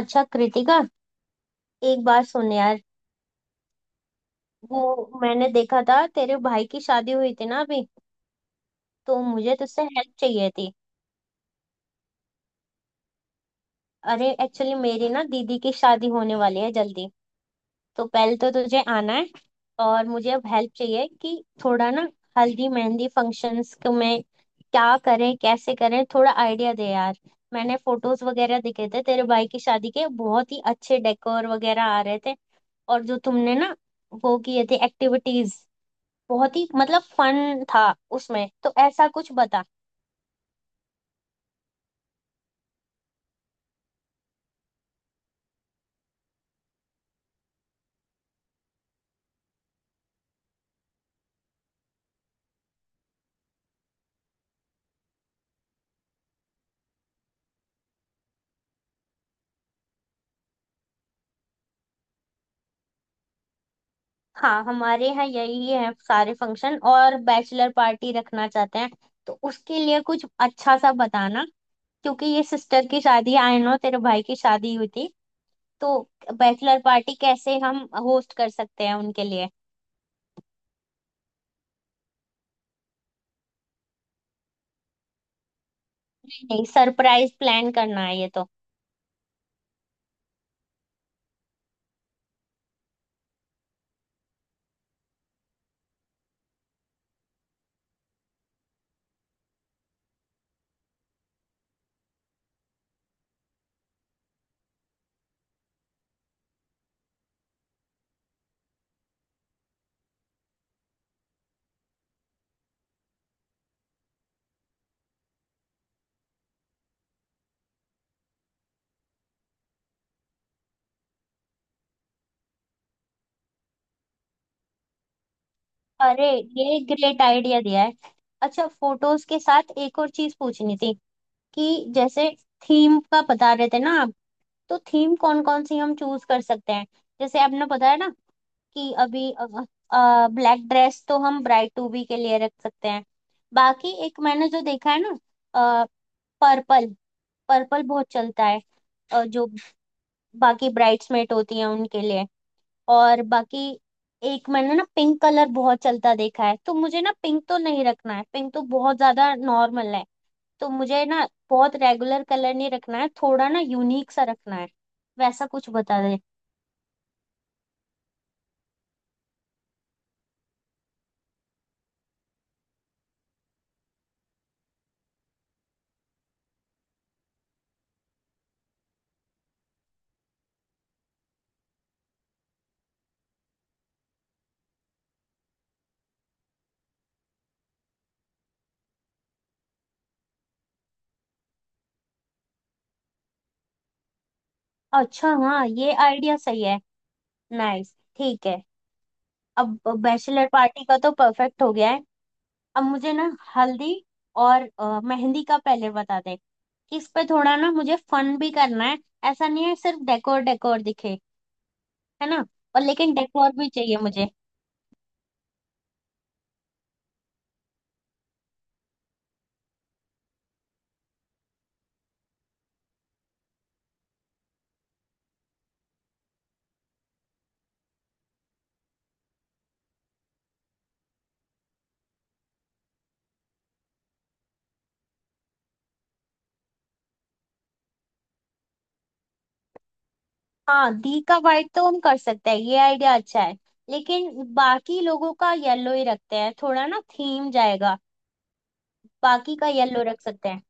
अच्छा कृतिका, एक बात सुन यार। वो मैंने देखा था, तेरे भाई की शादी हुई थी ना अभी, तो मुझे तुझसे हेल्प चाहिए थी। अरे एक्चुअली मेरी ना दीदी की शादी होने वाली है जल्दी, तो पहले तो तुझे आना है। और मुझे अब हेल्प चाहिए कि थोड़ा ना हल्दी मेहंदी फंक्शंस में क्या करें कैसे करें, थोड़ा आइडिया दे यार। मैंने फोटोज वगैरह देखे थे तेरे भाई की शादी के, बहुत ही अच्छे डेकोर वगैरह आ रहे थे। और जो तुमने ना वो किए थे एक्टिविटीज, बहुत ही मतलब फन था उसमें, तो ऐसा कुछ बता। हाँ, हमारे यहाँ यही है सारे फंक्शन, और बैचलर पार्टी रखना चाहते हैं तो उसके लिए कुछ अच्छा सा बताना। क्योंकि ये सिस्टर की शादी, आई नो तेरे भाई की शादी हुई थी, तो बैचलर पार्टी कैसे हम होस्ट कर सकते हैं उनके लिए। नहीं, सरप्राइज प्लान करना है ये तो। अरे ये ग्रेट आइडिया दिया है। अच्छा, फोटोज के साथ एक और चीज पूछनी थी, कि जैसे थीम का बता रहे थे ना आप, तो थीम कौन कौन सी हम चूज कर सकते हैं। जैसे आपने पता है ना कि अभी ब्लैक ड्रेस तो हम ब्राइड टू बी के लिए रख सकते हैं। बाकी एक मैंने जो देखा है ना, पर्पल, पर्पल बहुत चलता है जो बाकी ब्राइड्समेट होती हैं उनके लिए। और बाकी एक मैंने ना पिंक कलर बहुत चलता देखा है, तो मुझे ना पिंक तो नहीं रखना है, पिंक तो बहुत ज्यादा नॉर्मल है। तो मुझे ना बहुत रेगुलर कलर नहीं रखना है, थोड़ा ना यूनिक सा रखना है, वैसा कुछ बता दे। अच्छा हाँ, ये आइडिया सही है। नाइस, ठीक है। अब बैचलर पार्टी का तो परफेक्ट हो गया है। अब मुझे ना हल्दी और मेहंदी का पहले बता दे। इस पे थोड़ा ना मुझे फन भी करना है, ऐसा नहीं है सिर्फ डेकोर डेकोर दिखे, है ना। और लेकिन डेकोर भी चाहिए मुझे। हाँ, दी का वाइट तो हम कर सकते हैं, ये आइडिया अच्छा है। लेकिन बाकी लोगों का येलो ही रखते हैं, थोड़ा ना थीम जाएगा। बाकी का येलो रख सकते हैं।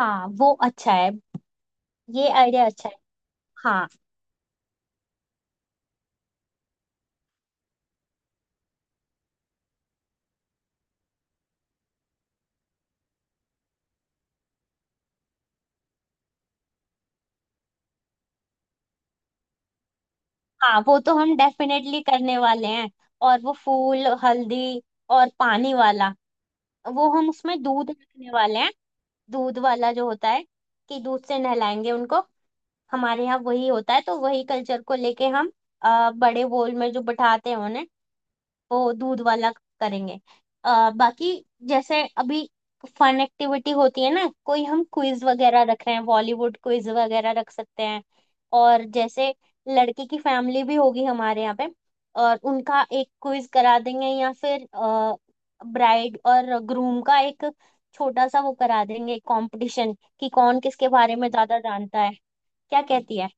हाँ, वो अच्छा है। ये आइडिया अच्छा है। हाँ। हाँ, वो तो हम डेफिनेटली करने वाले हैं। और वो फूल हल्दी और पानी वाला, वो हम उसमें दूध रखने वाले हैं। दूध वाला जो होता है, कि दूध से नहलाएंगे उनको, हमारे यहाँ वही होता है, तो वही कल्चर को लेके हम बड़े बोल में जो बिठाते हैं उन्हें, वो दूध वाला करेंगे। बाकी जैसे अभी फन एक्टिविटी होती है ना, कोई हम क्विज वगैरह रख रहे हैं, बॉलीवुड क्विज वगैरह रख सकते हैं। और जैसे लड़के की फैमिली भी होगी हमारे यहाँ पे, और उनका एक क्विज करा देंगे, या फिर ब्राइड और ग्रूम का एक छोटा सा वो करा देंगे कंपटीशन, कि कौन किसके बारे में ज्यादा जानता है, क्या कहती है।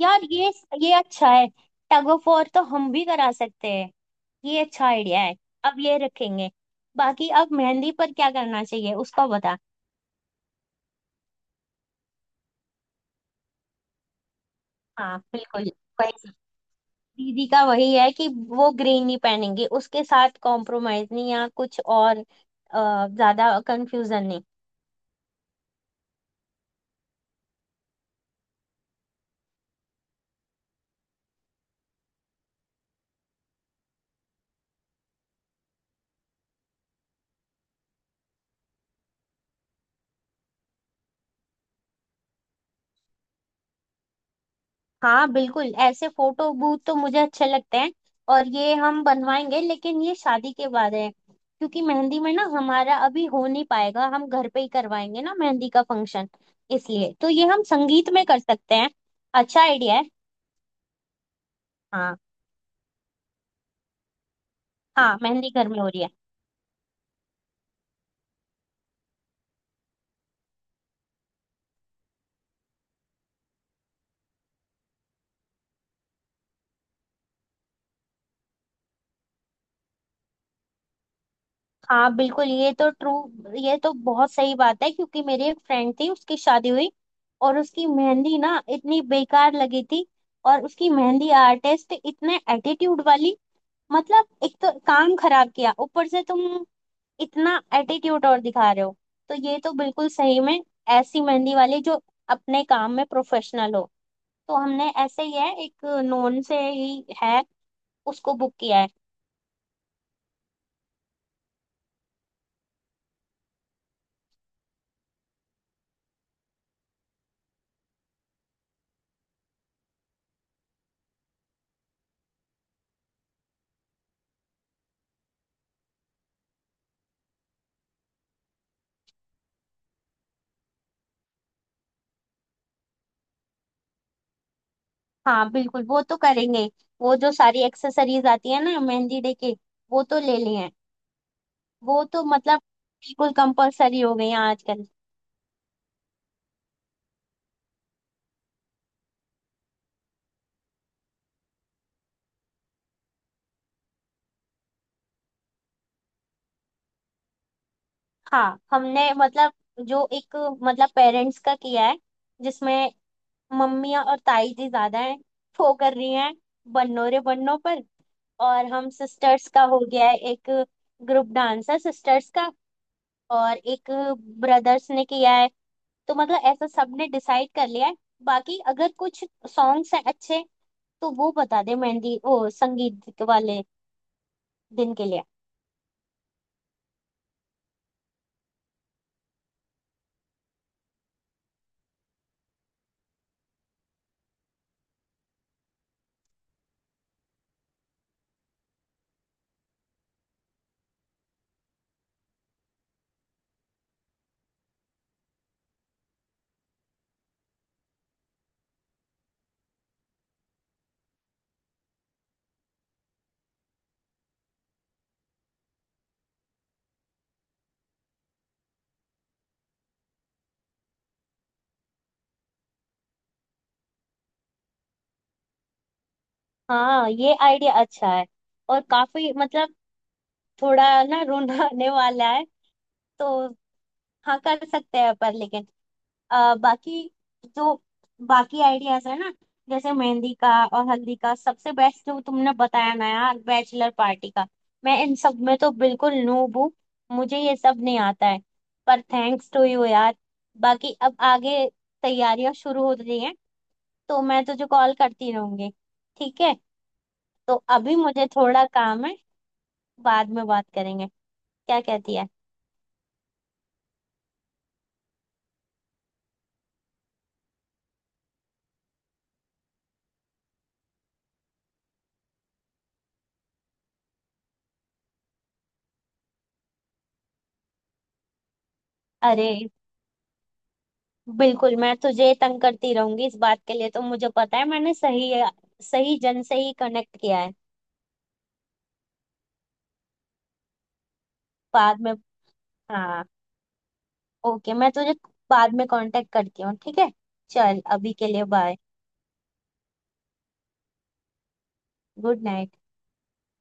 यार ये अच्छा है। टग ऑफ वॉर तो हम भी करा सकते हैं, ये अच्छा आइडिया है। अब ये रखेंगे। बाकी अब मेहंदी पर क्या करना चाहिए उसका बता। हाँ बिल्कुल, वही चीज़। दीदी का वही है कि वो ग्रीन नहीं पहनेंगे, उसके साथ कॉम्प्रोमाइज नहीं, या कुछ और ज्यादा कंफ्यूजन नहीं। हाँ बिल्कुल, ऐसे फोटो बूथ तो मुझे अच्छे लगते हैं, और ये हम बनवाएंगे, लेकिन ये शादी के बाद है। क्योंकि मेहंदी में ना हमारा अभी हो नहीं पाएगा, हम घर पे ही करवाएंगे ना मेहंदी का फंक्शन, इसलिए तो ये हम संगीत में कर सकते हैं। अच्छा आइडिया है। हाँ। हाँ, मेहंदी घर में हो रही है। हाँ बिल्कुल, ये तो ट्रू, ये तो बहुत सही बात है। क्योंकि मेरी एक फ्रेंड थी उसकी शादी हुई, और उसकी मेहंदी ना इतनी बेकार लगी थी, और उसकी मेहंदी आर्टिस्ट इतने एटीट्यूड वाली, मतलब एक तो काम खराब किया, ऊपर से तुम इतना एटीट्यूड और दिखा रहे हो। तो ये तो बिल्कुल सही में, ऐसी मेहंदी वाली जो अपने काम में प्रोफेशनल हो, तो हमने ऐसे ही है, एक नोन से ही है उसको बुक किया है। हाँ बिल्कुल, वो तो करेंगे। वो जो सारी एक्सेसरीज आती है ना मेहंदी डे के, वो तो ले लिए हैं। वो तो मतलब बिल्कुल कंपलसरी हो गई है आजकल। हाँ, हमने मतलब जो एक मतलब पेरेंट्स का किया है, जिसमें मम्मी और ताई जी ज्यादा हैं, वो कर रही हैं बन्नों रे बन्नों पर। और हम सिस्टर्स का हो गया है एक, ग्रुप डांस है सिस्टर्स का। और एक ब्रदर्स ने किया है, तो मतलब ऐसा सबने डिसाइड कर लिया है। बाकी अगर कुछ सॉन्ग्स हैं अच्छे, तो वो बता दे मेहंदी ओ संगीत वाले दिन के लिए। हाँ ये आइडिया अच्छा है, और काफी मतलब थोड़ा ना रुलाने वाला है, तो हाँ कर सकते हैं पर। लेकिन बाकी जो बाकी आइडियाज है ना, जैसे मेहंदी का और हल्दी का, सबसे बेस्ट जो तुमने बताया ना यार बैचलर पार्टी का। मैं इन सब में तो बिल्कुल नूब हूँ, मुझे ये सब नहीं आता है, पर थैंक्स टू यू यार। बाकी अब आगे तैयारियां शुरू हो रही हैं, तो मैं तुझे कॉल करती रहूंगी, ठीक है। तो अभी मुझे थोड़ा काम है, बाद में बात करेंगे, क्या कहती है। अरे बिल्कुल, मैं तुझे तंग करती रहूंगी इस बात के लिए, तो मुझे पता है मैंने सही सही जन से ही कनेक्ट किया है। बाद में। हाँ। ओके, मैं तुझे बाद में कांटेक्ट करती हूँ, ठीक है। चल अभी के लिए बाय। Good night.